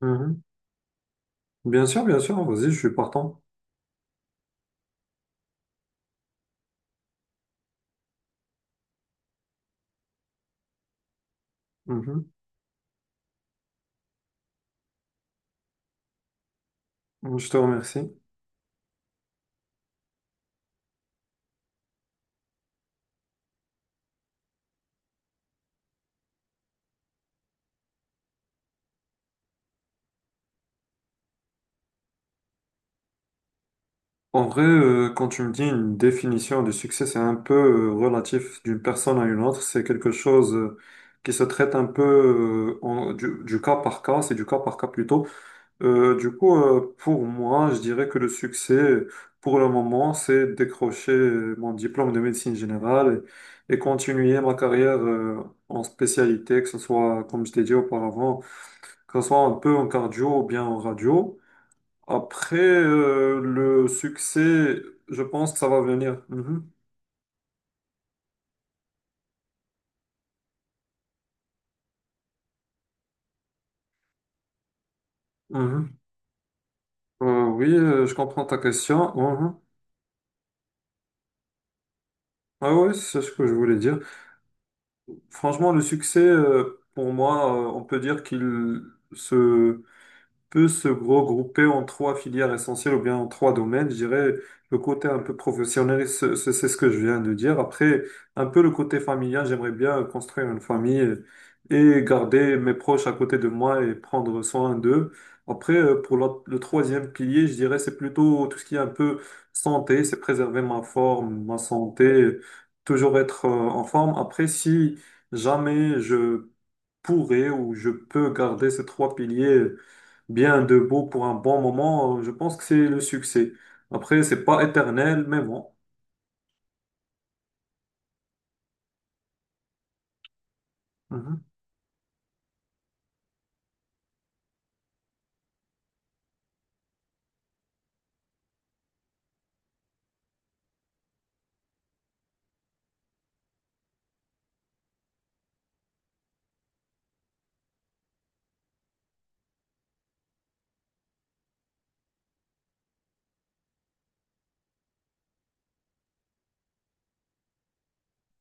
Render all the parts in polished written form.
Mhm. Bien sûr, vas-y, je suis partant. Mhm. Je te remercie. En vrai, quand tu me dis une définition du succès, c'est un peu relatif d'une personne à une autre. C'est quelque chose qui se traite un peu du cas par cas, c'est du cas par cas plutôt. Pour moi, je dirais que le succès, pour le moment, c'est décrocher mon diplôme de médecine générale et continuer ma carrière en spécialité, que ce soit, comme je t'ai dit auparavant, que ce soit un peu en cardio ou bien en radio. Après, le succès, je pense que ça va venir. Mhm, mhm. Oui, je comprends ta question. Mhm. Ah ouais, c'est ce que je voulais dire. Franchement, le succès, pour moi, on peut dire qu'il se peut se regrouper en trois filières essentielles ou bien en trois domaines. Je dirais le côté un peu professionnel, c'est ce que je viens de dire. Après, un peu le côté familial, j'aimerais bien construire une famille et garder mes proches à côté de moi et prendre soin d'eux. Après, le troisième pilier, je dirais c'est plutôt tout ce qui est un peu santé, c'est préserver ma forme, ma santé, toujours être en forme. Après, si jamais je pourrais ou je peux garder ces trois piliers bien de beau pour un bon moment, je pense que c'est le succès. Après, c'est pas éternel, mais bon. Mhm,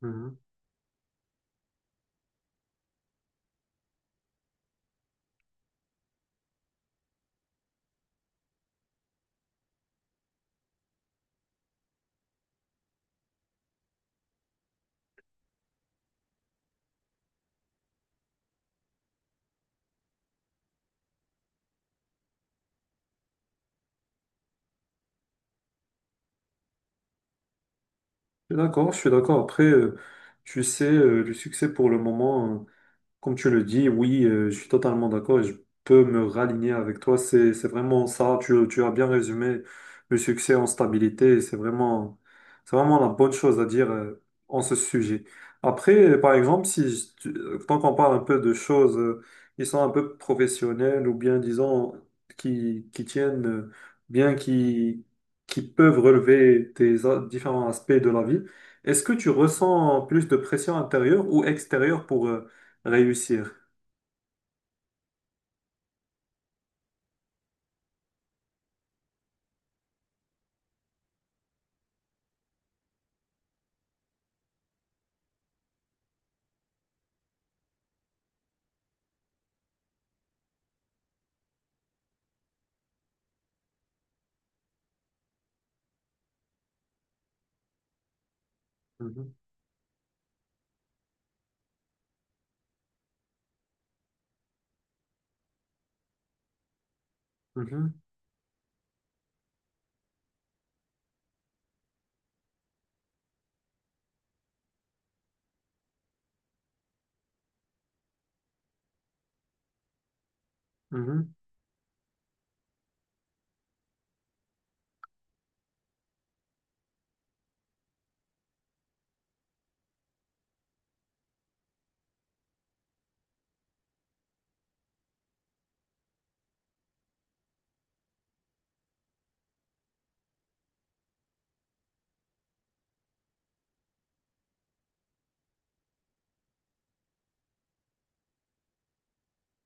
mhm. Je suis d'accord, je suis d'accord. Après, tu sais, le succès pour le moment. Comme tu le dis, oui, je suis totalement d'accord et je peux me raligner avec toi. C'est vraiment ça. Tu as bien résumé le succès en stabilité c'est vraiment la bonne chose à dire en ce sujet. Après, par exemple, si je- tu- tant qu'on parle un peu de choses qui sont un peu professionnelles ou bien, disons, qui tiennent, bien qui, qui peuvent relever des différents aspects de la vie, est-ce que tu ressens plus de pression intérieure ou extérieure pour réussir? Mhm, mhm, mhm,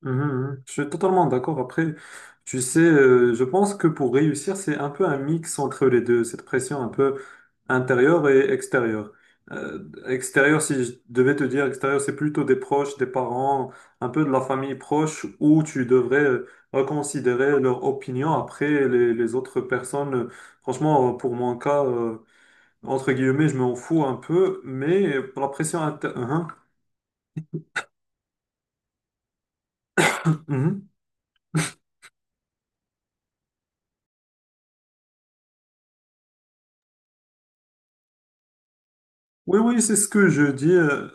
mhm, mhm. Je suis totalement d'accord. Après, tu sais, je pense que pour réussir, c'est un peu un mix entre les deux, cette pression un peu intérieure et extérieure. Extérieure, si je devais te dire, extérieure, c'est plutôt des proches, des parents, un peu de la famille proche, où tu devrais reconsidérer leur opinion. Après, les autres personnes, franchement, pour mon cas, entre guillemets, je m'en fous un peu, mais pour la pression intérieure... Oui, oui, c'est ce que je dis.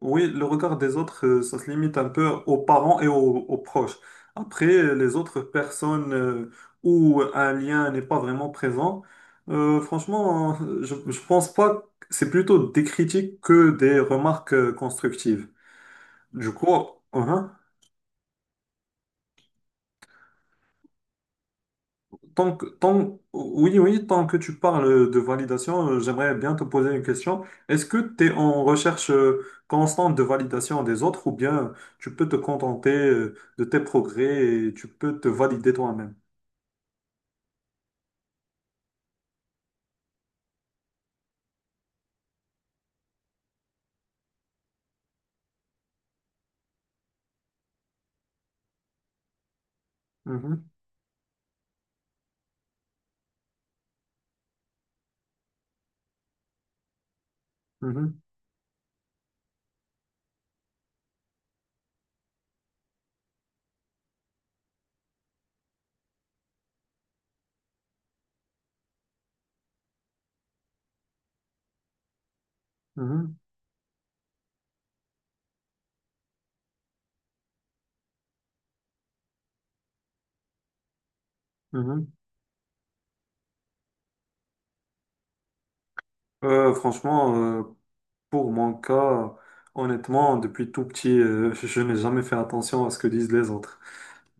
Oui, le regard des autres, ça se limite un peu aux parents et aux, aux proches. Après, les autres personnes où un lien n'est pas vraiment présent, je pense pas que c'est plutôt des critiques que des remarques constructives. Du coup, hein. Oui, oui, tant que tu parles de validation, j'aimerais bien te poser une question. Est-ce que tu es en recherche constante de validation des autres ou bien tu peux te contenter de tes progrès et tu peux te valider toi-même? Mhm, mhm, mhm, mhm. Euh, franchement, euh, Pour mon cas, honnêtement, depuis tout petit, je n'ai jamais fait attention à ce que disent les autres.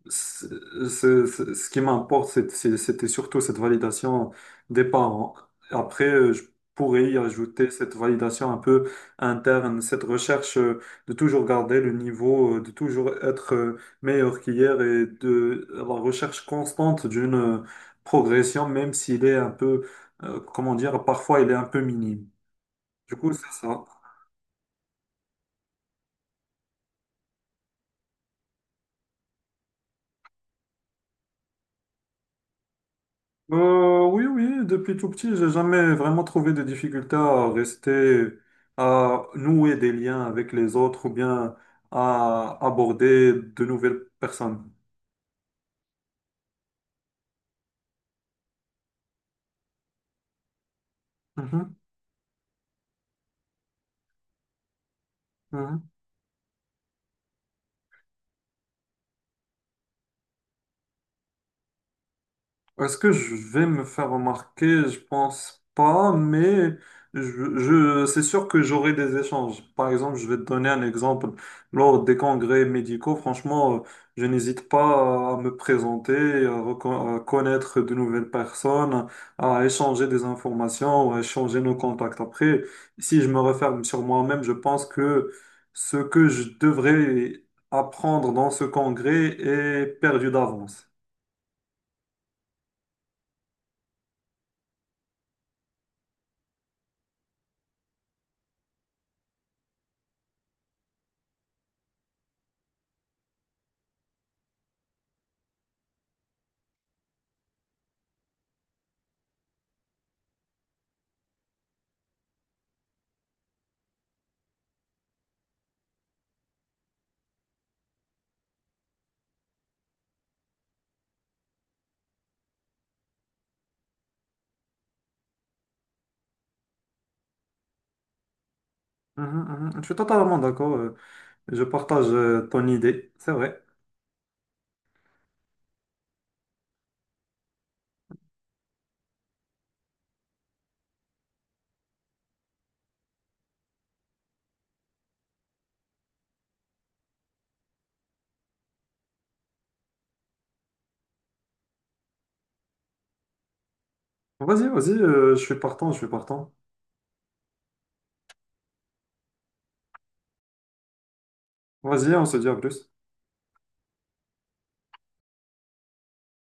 Ce, Ce qui m'importe, c'était surtout cette validation des parents. Après, je pourrais y ajouter cette validation un peu interne, cette recherche de toujours garder le niveau, de toujours être meilleur qu'hier et de la recherche constante d'une progression, même s'il est un peu, comment dire, parfois il est un peu minime. Du coup, c'est ça. Oui, oui, depuis tout petit, j'ai jamais vraiment trouvé de difficulté à rester, à nouer des liens avec les autres ou bien à aborder de nouvelles personnes. Mhm, mhm. Est-ce que je vais me faire remarquer? Je pense pas, mais je, c'est sûr que j'aurai des échanges. Par exemple, je vais te donner un exemple. Lors des congrès médicaux, franchement, je n'hésite pas à me présenter, à, à connaître de nouvelles personnes, à échanger des informations, à échanger nos contacts. Après, si je me referme sur moi-même, je pense que ce que je devrais apprendre dans ce congrès est perdu d'avance. Mhm, mhm. Je suis totalement d'accord. Je partage ton idée. C'est vrai. Vas-y, vas-y, je suis partant, je suis partant. Vas-y, on se dit à plus.